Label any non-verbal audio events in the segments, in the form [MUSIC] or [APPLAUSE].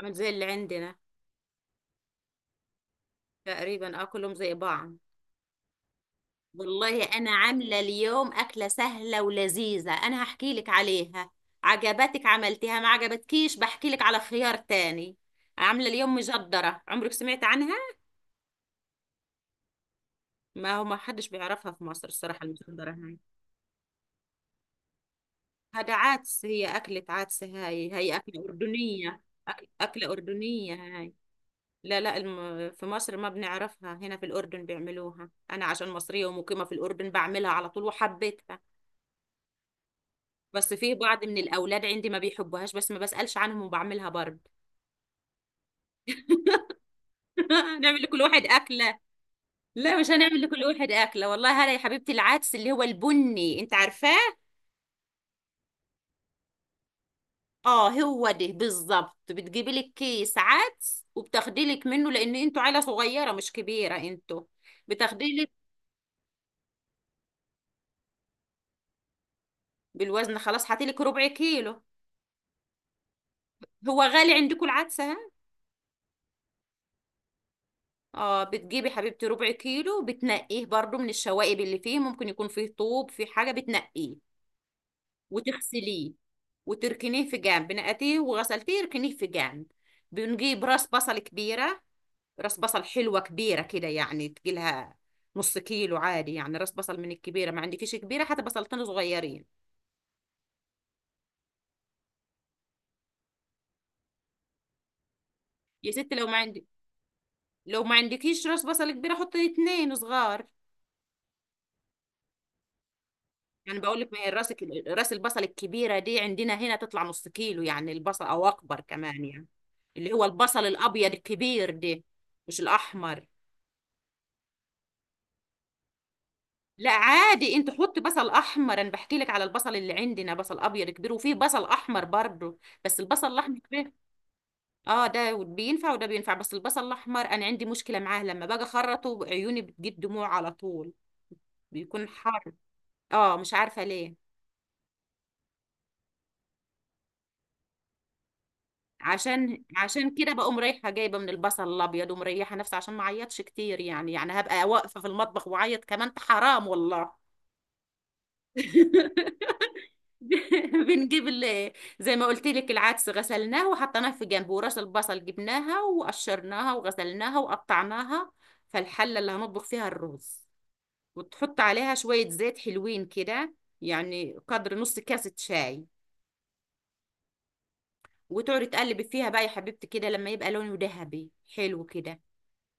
عامل زي اللي عندنا. تقريبا، اه، كلهم زي بعض. والله انا عامله اليوم اكله سهله ولذيذه، انا هحكي لك عليها. عجبتك عملتيها، ما عجبتكيش بحكي لك على خيار تاني. عامله اليوم مجدره، عمرك سمعت عنها؟ ما هو ما حدش بيعرفها في مصر، الصراحه المجدره هاي. هذا عدس، هي اكله عدس هاي، هي اكله اردنيه. اكله اردنيه هاي. لا لا في مصر ما بنعرفها، هنا في الأردن بيعملوها. أنا عشان مصرية ومقيمة في الأردن بعملها على طول وحبيتها. بس في بعض من الاولاد عندي ما بيحبوهاش، بس ما بسالش عنهم وبعملها برضه. [LAUGHS] نعمل لكل واحد اكله. لا مش هنعمل لكل واحد اكله والله. هلا يا حبيبتي، العدس اللي هو البني انت عارفاه؟ اه هو ده بالظبط. بتجيبي لك كيس عدس وبتاخدي لك منه، لان انتوا عيله صغيره مش كبيره انتوا، بتاخدي لك. بالوزن خلاص، هاتي لك ربع كيلو. هو غالي عندكم العدس، ها؟ اه، بتجيبي حبيبتي ربع كيلو، بتنقيه برضو من الشوائب اللي فيه، ممكن يكون فيه طوب، في حاجه بتنقيه وتغسليه. وتركنيه في جنب، نقعتيه وغسلتيه ركنيه في جنب. بنجيب راس بصل كبيرة. راس بصل حلوة كبيرة كده يعني تجيلها نص كيلو عادي يعني راس بصل من الكبيرة. ما عندكيش كبيرة، حتى بصلتين صغيرين. يا ست لو ما عندك، لو ما عندكيش راس بصل كبيرة حطي اتنين صغار. يعني بقول لك ما هي الراس، راس البصل الكبيرة دي عندنا هنا تطلع نص كيلو يعني البصل، او اكبر كمان يعني. اللي هو البصل الابيض الكبير ده، مش الاحمر. لا عادي انت حطي بصل احمر، انا بحكي لك على البصل اللي عندنا، بصل ابيض كبير وفيه بصل احمر برضه، بس البصل الاحمر كبير. اه ده بينفع وده بينفع، بس البصل الاحمر انا عندي مشكله معاه، لما باجي اخرطه عيوني بتجيب دموع على طول، بيكون حار. اه مش عارفه ليه. عشان كده بقوم رايحه جايبه من البصل الابيض ومريحه نفسي، عشان ما اعيطش كتير يعني، هبقى واقفه في المطبخ واعيط كمان، حرام والله. [LAUGHS] [LAUGHS] بنجيب ال- زي ما قلت لك العدس غسلناه وحطيناه في جنب، وراس البصل جبناها وقشرناها وغسلناها وقطعناها. فالحلة اللي هنطبخ فيها الرز، وتحط عليها شوية زيت حلوين كده، يعني قدر نص كاسة شاي. وتقعدي تقلبي فيها بقى يا حبيبتي كده، لما يبقى لونه ذهبي، حلو كده،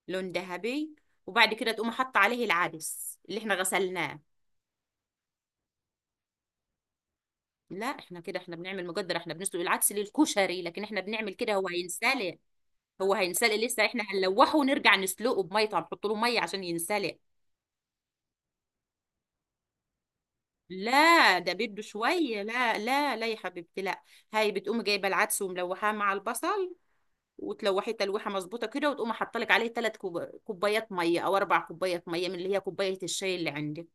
لون ذهبي. وبعد كده تقوم حاطه عليه العدس اللي احنا غسلناه. لا احنا كده، احنا بنعمل مقدر، احنا بنسلق العدس للكشري لكن احنا بنعمل كده، هو هينسلق. لسه احنا هنلوحه ونرجع نسلقه بميه طبعا، نحط له ميه عشان ينسلق. لا ده بده شويه، لا لا لا يا حبيبتي، لا. هاي بتقوم جايبه العدس وملوحاه مع البصل، وتلوحيه تلويحه مظبوطه كده، وتقوم حاطه لك عليه 3 كوبايات ميه او 4 كوبايات ميه، من اللي هي كوبايه الشاي اللي عندك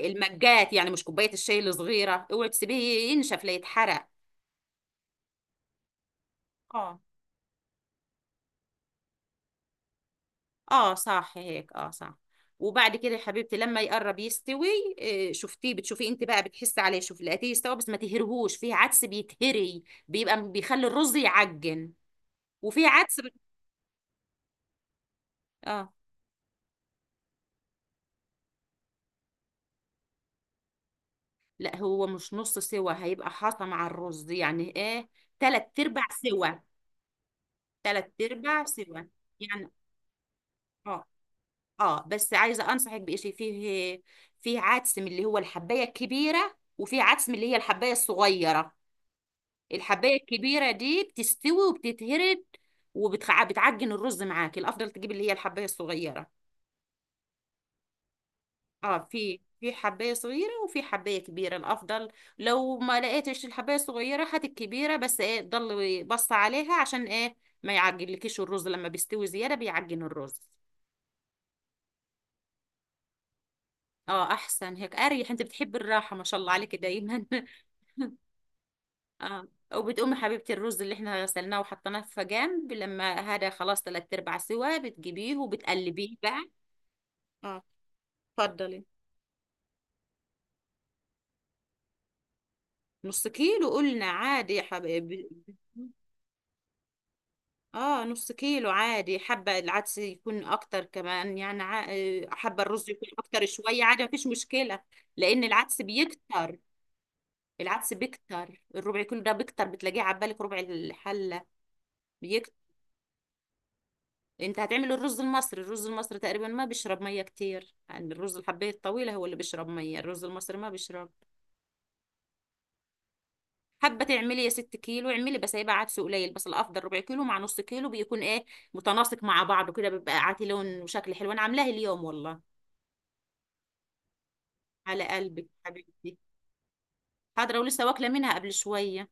المجات يعني، مش كوبايه الشاي الصغيره. اوعي تسيبيه ينشف لا يتحرق. اه اه صح هيك، اه صح. وبعد كده يا حبيبتي لما يقرب يستوي، بتشوفيه انت بقى، بتحسي عليه، شوف لقيتيه يستوي بس ما تهرهوش، فيه عدس بيتهري بيبقى بيخلي الرز يعجن، وفيه عدس اه لا، هو مش نص سوا، هيبقى حاطه مع الرز يعني ايه، تلات ارباع سوا. تلات ارباع سوا يعني اه. اه بس عايزه انصحك بشيء، فيه فيه عدس من اللي هو الحبايه الكبيره، وفيه عدس من اللي هي الحبايه الصغيره. الحبايه الكبيره دي بتستوي وبتتهرد وبتعجن الرز معاك، الافضل تجيب اللي هي الحبايه الصغيره. اه، في حبايه صغيره وفي حبايه كبيره الافضل. لو ما لقيتش الحبايه الصغيره هات الكبيره، بس ايه، ضل بص عليها عشان ايه، ما يعجنلكيش الرز، لما بيستوي زياده بيعجن الرز. اه احسن هيك اريح، انت بتحب الراحه ما شاء الله عليك دايما. [LAUGHS] اه، وبتقومي حبيبتي الرز اللي احنا غسلناه وحطيناه في جنب، لما هذا خلاص تلات ارباع سوا، بتجيبيه وبتقلبيه بقى. اه اتفضلي. نص كيلو قلنا عادي يا حبايبي. اه نص كيلو عادي، حبة العدس يكون اكتر كمان يعني حبة الرز يكون اكتر شوية عادي مفيش مشكلة، لان العدس بيكتر. العدس بيكتر، الربع كيلو ده بيكتر بتلاقيه عبالك ربع الحلة، بيكتر. انت هتعمل الرز المصري، الرز المصري تقريبا ما بيشرب مية كتير يعني، الرز الحباية الطويلة هو اللي بيشرب مية، الرز المصري ما بيشرب. حابه تعملي يا ست كيلو اعملي، بس هيبقى عدس قليل، بس الافضل ربع كيلو مع نص كيلو بيكون ايه، متناسق مع بعضه كده، بيبقى عاتي لون وشكل حلو انا عاملاه اليوم والله. على قلبك حبيبتي. حاضره، ولسه واكله منها قبل شويه.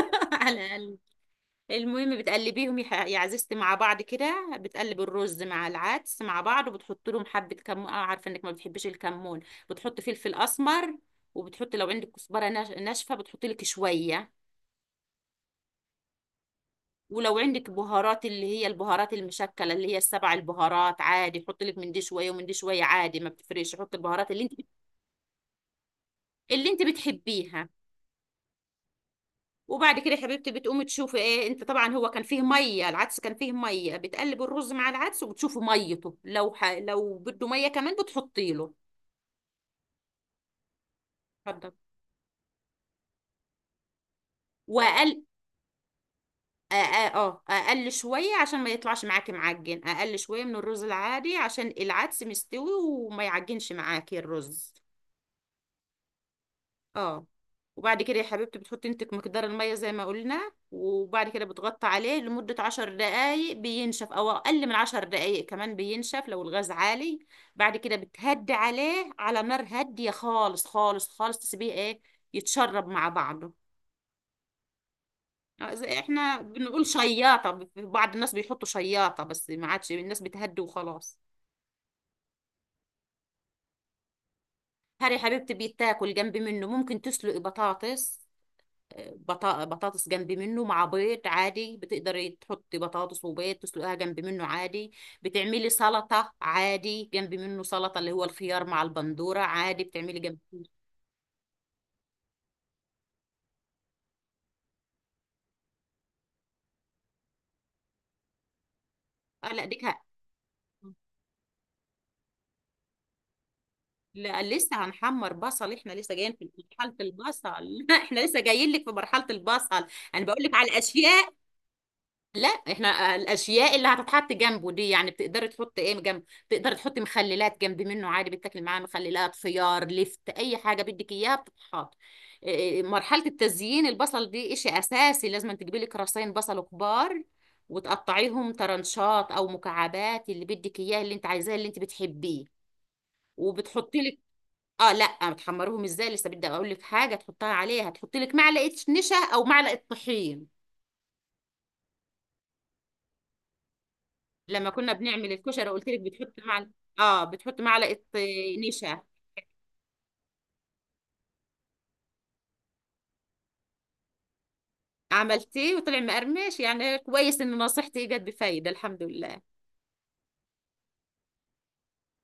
[LAUGHS] على قلبي. المهم بتقلبيهم يا عزيزتي مع بعض كده، بتقلب الرز مع العدس مع بعض وبتحط لهم حبه كمون، اه عارفه انك ما بتحبيش الكمون. بتحط فلفل اسمر، وبتحط لو عندك كزبره ناشفه بتحطي لك شويه. ولو عندك بهارات اللي هي البهارات المشكلة اللي هي السبع البهارات عادي، حط لك من دي شوية ومن دي شوية عادي ما بتفرقش، حط البهارات اللي انت بتحبيها. وبعد كده يا حبيبتي بتقومي تشوفي ايه، انت طبعا هو كان فيه ميه، العدس كان فيه ميه، بتقلب الرز مع العدس وبتشوفي ميته، لو بده ميه كمان بتحطي له. اتفضل واقل. اه اه اقل شويه عشان ما يطلعش معاكي معجن، اقل شويه من الرز العادي عشان العدس مستوي وما يعجنش معاكي الرز. اه، وبعد كده يا حبيبتي بتحطي انت مقدار المية زي ما قلنا، وبعد كده بتغطي عليه لمدة 10 دقايق بينشف، او اقل من 10 دقايق كمان بينشف لو الغاز عالي. بعد كده بتهدي عليه على نار هادية خالص خالص خالص، تسيبيه ايه، يتشرب مع بعضه. زي احنا بنقول شياطة، بعض الناس بيحطوا شياطة بس ما عادش الناس بتهدي وخلاص. هاري يا حبيبتي، بيتاكل جنب منه، ممكن تسلقي بطاطس، بطاطس جنب منه مع بيض عادي، بتقدري تحطي بطاطس وبيض تسلقيها جنب منه عادي. بتعملي سلطة عادي جنب منه، سلطة اللي هو الخيار مع البندورة عادي بتعملي جنب منه. اه لا لا لسه هنحمر بصل، احنا لسه جايين في مرحلة البصل. [LAUGHS] لا احنا لسه جايين لك في مرحلة البصل، انا بقول لك على الاشياء. لا احنا الاشياء اللي هتتحط جنبه دي يعني بتقدري تحطي ايه جنب، تقدري تحطي مخللات جنب منه عادي، بتاكلي معاه مخللات خيار لفت اي حاجه بدك اياها بتتحط. مرحله التزيين البصل دي اشي اساسي، لازم تجيبي لك راسين بصل كبار، وتقطعيهم ترنشات او مكعبات اللي بدك اياه اللي انت عايزاه اللي انت بتحبيه وبتحطي لك. اه لا بتحمروهم ازاي، لسه بدي اقول لك حاجه تحطها عليها، تحطي لك معلقه نشا او معلقه طحين. لما كنا بنعمل الكشري قلت لك بتحط معلقه. اه بتحط معلقه نشا. عملتيه وطلع مقرمش، يعني كويس ان نصيحتي جت بفايده الحمد لله.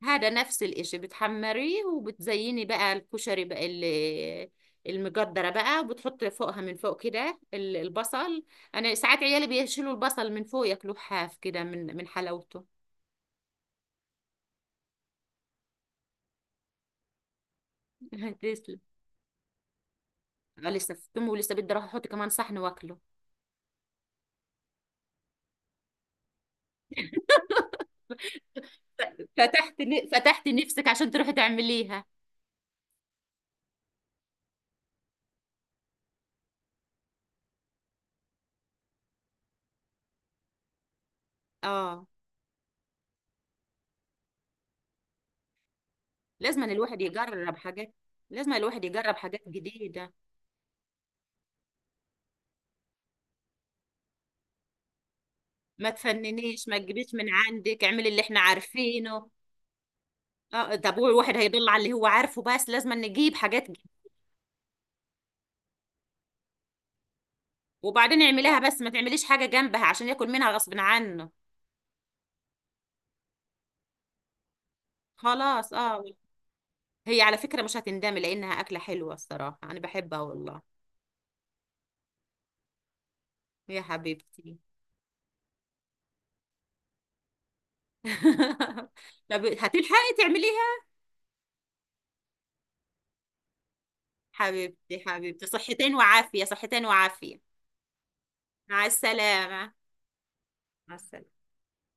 هذا نفس الاشي، بتحمريه وبتزيني بقى الكشري بقى المجدره بقى، وبتحط فوقها من فوق كده البصل. انا ساعات عيالي بيشيلوا البصل من فوق ياكلوه حاف كده من حلاوته. [LAUGHS] تسلم. لسه في تمه ولسه بدي اروح احط كمان صحن واكله. فتحت فتحت نفسك عشان تروحي تعمليها. اه لازم أن الواحد يجرب حاجات، لازم أن الواحد يجرب حاجات جديدة. ما تفننيش، ما تجيبيش من عندك، اعملي اللي احنا عارفينه. اه طب هو الواحد هيضل على اللي هو عارفه، بس لازم أن نجيب حاجات جديدة. وبعدين اعمليها بس ما تعمليش حاجة جنبها عشان ياكل منها غصب عنه. خلاص اه. هي على فكرة مش هتندمي لأنها أكلة حلوة الصراحة، أنا بحبها والله. يا حبيبتي. [LAUGHS] طب هتلحقي تعمليها؟ حبيبتي حبيبتي، صحتين وعافية، صحتين وعافية. مع السلامة. مع السلامة.